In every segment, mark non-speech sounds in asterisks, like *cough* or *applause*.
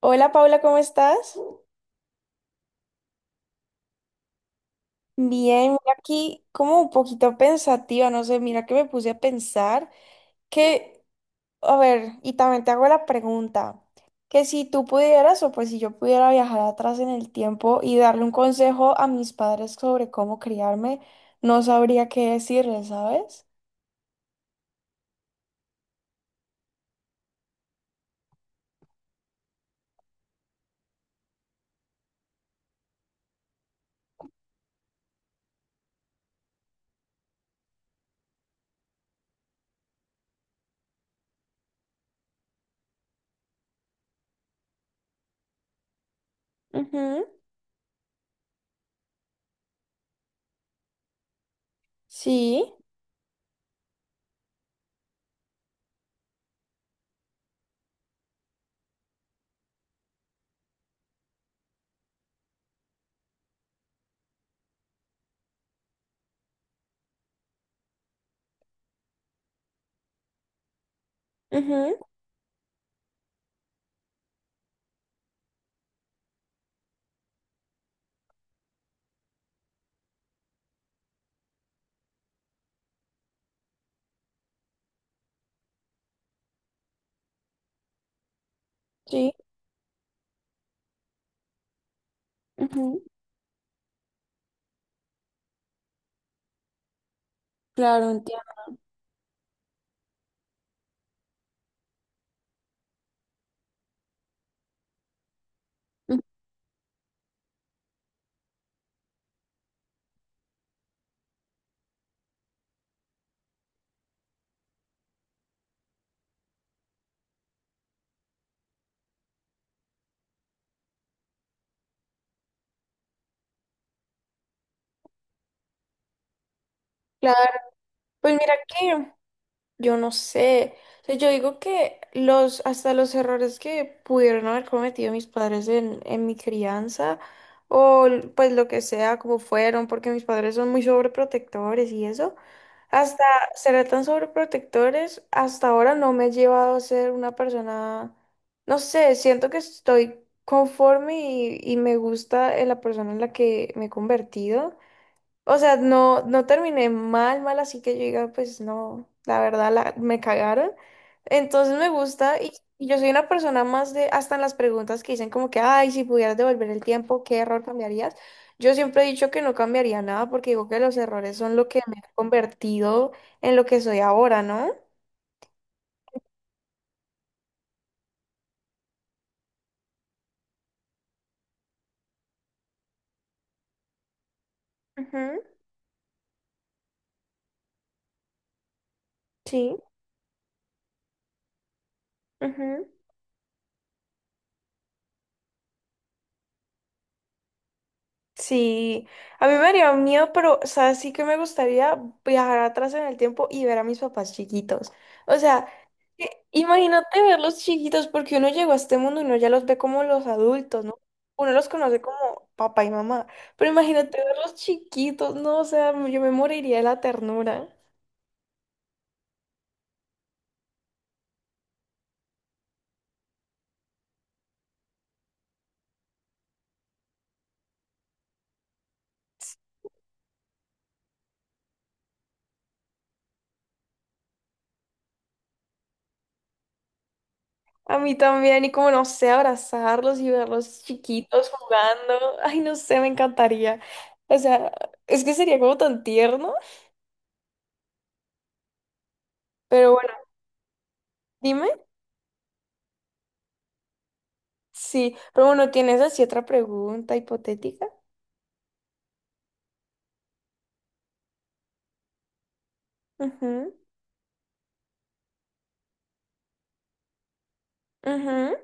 Hola Paula, ¿cómo estás? Bien, mira aquí como un poquito pensativa, no sé, mira que me puse a pensar que, a ver, y también te hago la pregunta, que si tú pudieras o pues si yo pudiera viajar atrás en el tiempo y darle un consejo a mis padres sobre cómo criarme, no sabría qué decirles, ¿sabes? Ujú. Sí. Ujú. Sí. Ujú. Claro, entiendo. Claro, pues mira que yo no sé. O sea, yo digo que los, hasta los errores que pudieron haber cometido mis padres en mi crianza, pues lo que sea, como fueron, porque mis padres son muy sobreprotectores y eso, hasta ser tan sobreprotectores, hasta ahora no me ha llevado a ser una persona, no sé, siento que estoy conforme y me gusta en la persona en la que me he convertido. O sea, no, no terminé mal, mal, así que yo diga, pues no, la verdad la, me cagaron. Entonces me gusta y yo soy una persona más de, hasta en las preguntas que dicen como que, ay, si pudieras devolver el tiempo, ¿qué error cambiarías? Yo siempre he dicho que no cambiaría nada porque digo que los errores son lo que me ha convertido en lo que soy ahora, ¿no? Ujú. Sí. Ujú. Sí, a mí me haría miedo, pero, o sea, sí que me gustaría viajar atrás en el tiempo y ver a mis papás chiquitos. O sea, que imagínate verlos chiquitos, porque uno llegó a este mundo y uno ya los ve como los adultos, ¿no? Uno los conoce como papá y mamá, pero imagínate verlos chiquitos, ¿no? O sea, yo me moriría de la ternura. A mí también, y como no sé, abrazarlos y verlos chiquitos jugando. *laughs* Ay, no sé, me encantaría. O sea, es que sería como tan tierno, pero bueno, dime. Sí, pero bueno, tienes así otra pregunta hipotética. Ujú. Ujú.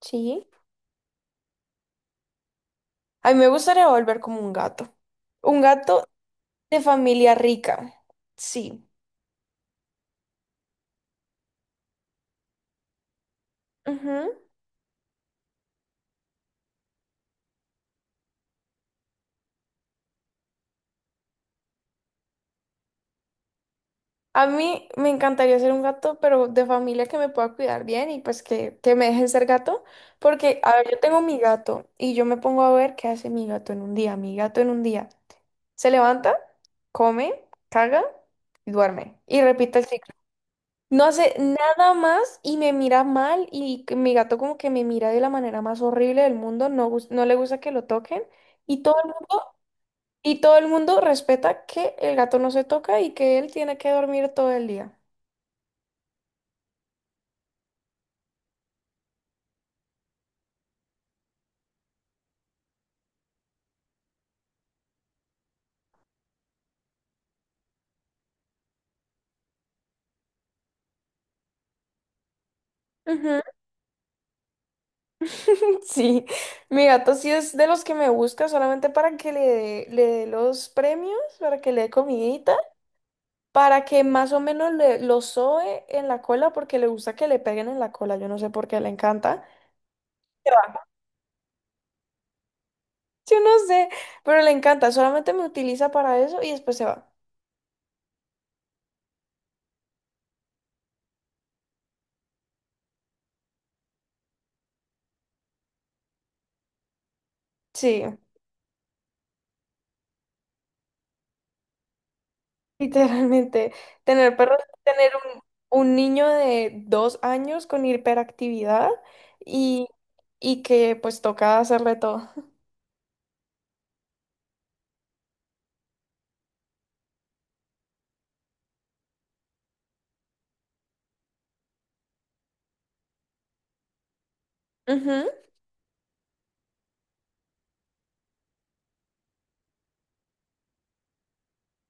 Sí. A mí me gustaría volver como un gato. Un gato de familia rica. Sí. Ujú. A mí me encantaría ser un gato, pero de familia que me pueda cuidar bien y pues que me dejen ser gato. Porque, a ver, yo tengo mi gato y yo me pongo a ver qué hace mi gato en un día. Mi gato en un día se levanta, come, caga y duerme. Y repite el ciclo. No hace nada más y me mira mal y que mi gato como que me mira de la manera más horrible del mundo, no, no le gusta que lo toquen y todo el mundo, y todo el mundo respeta que el gato no se toca y que él tiene que dormir todo el día. Ujú. *laughs* Sí, mi gato sí es de los que me busca solamente para que le dé los premios, para que le dé comidita, para que más o menos le, lo soe en la cola porque le gusta que le peguen en la cola, yo no sé por qué le encanta. Yo no sé, pero le encanta, solamente me utiliza para eso y después se va. Sí. *laughs* Literalmente. Tener perros, tener un, un niño de 2 años con hiperactividad y, y que pues toca hacerle todo. Ujú.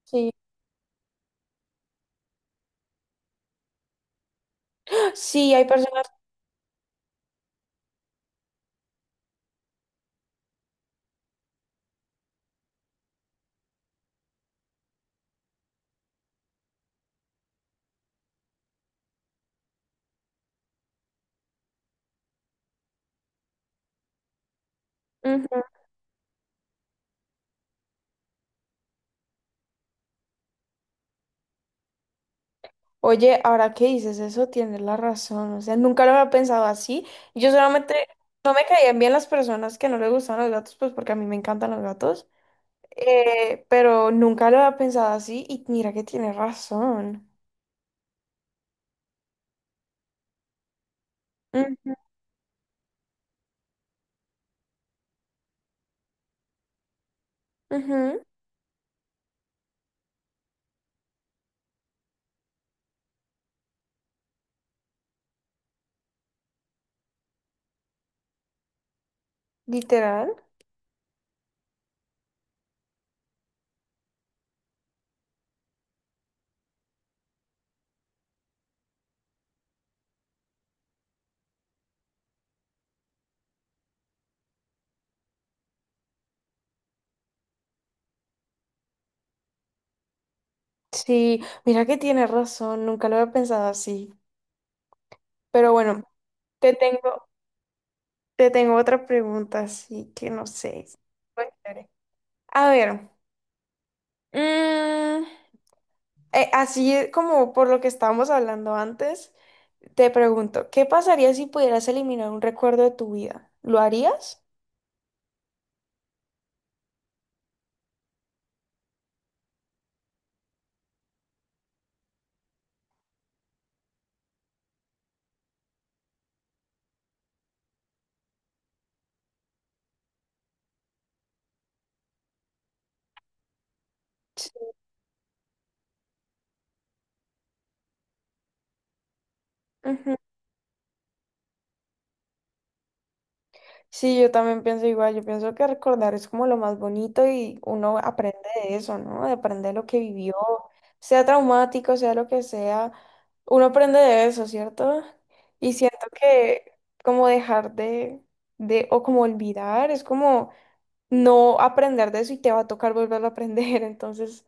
Sí. Sí, hay personas. Ujú. Oye, ahora que dices eso, tienes la razón. O sea, nunca lo había pensado así. Yo solamente no me caían bien las personas que no les gustaban los gatos, pues porque a mí me encantan los gatos. Pero nunca lo había pensado así y mira que tiene razón. Mm. Ujú. Literal. Sí, mira que tiene razón, nunca lo había pensado así. Pero bueno, te tengo, te tengo otra pregunta, así que no sé. Bueno, chévere. A ver, mm, así como por lo que estábamos hablando antes, te pregunto, ¿qué pasaría si pudieras eliminar un recuerdo de tu vida? ¿Lo harías? Ujú. Sí, yo también pienso igual, yo pienso que recordar es como lo más bonito y uno aprende de eso, ¿no? De aprender lo que vivió, sea traumático, sea lo que sea, uno aprende de eso, ¿cierto? Y siento que como dejar o como olvidar, es como no aprender de eso y te va a tocar volverlo a aprender, *laughs* entonces,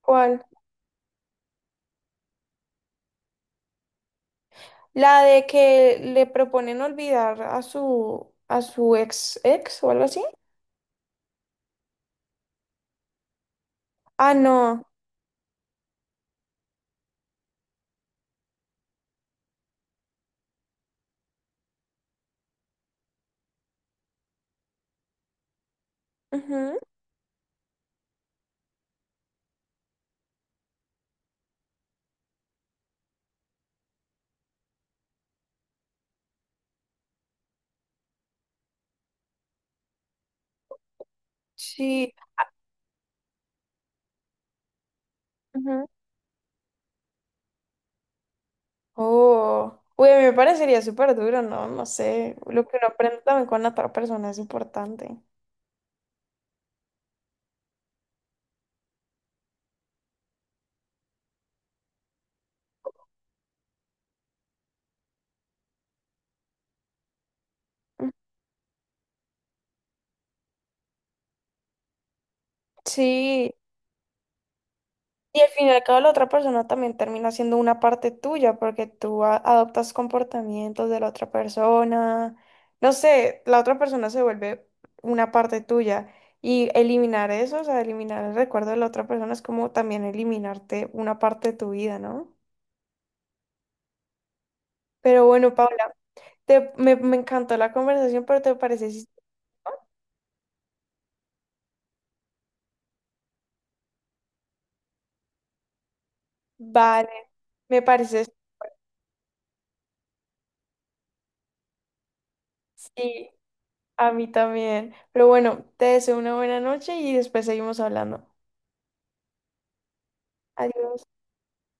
¿cuál? La de que le proponen olvidar a su ex ex o algo así. Ah, no. Ujú. Sí. Ujú. Oh, uy, a mí me parecería súper duro, ¿no? No sé, lo que uno aprende también con la otra persona es importante. Ujú. Sí, y al fin y al cabo la otra persona también termina siendo una parte tuya porque adoptas comportamientos de la otra persona. No sé, la otra persona se vuelve una parte tuya y eliminar eso, o sea, eliminar el recuerdo de la otra persona es como también eliminarte una parte de tu vida, ¿no? Pero bueno, Paula, me encantó la conversación, pero ¿te parece si... Vale, me parece, sí, a mí también. Pero bueno, te deseo una buena noche y después seguimos hablando. Adiós.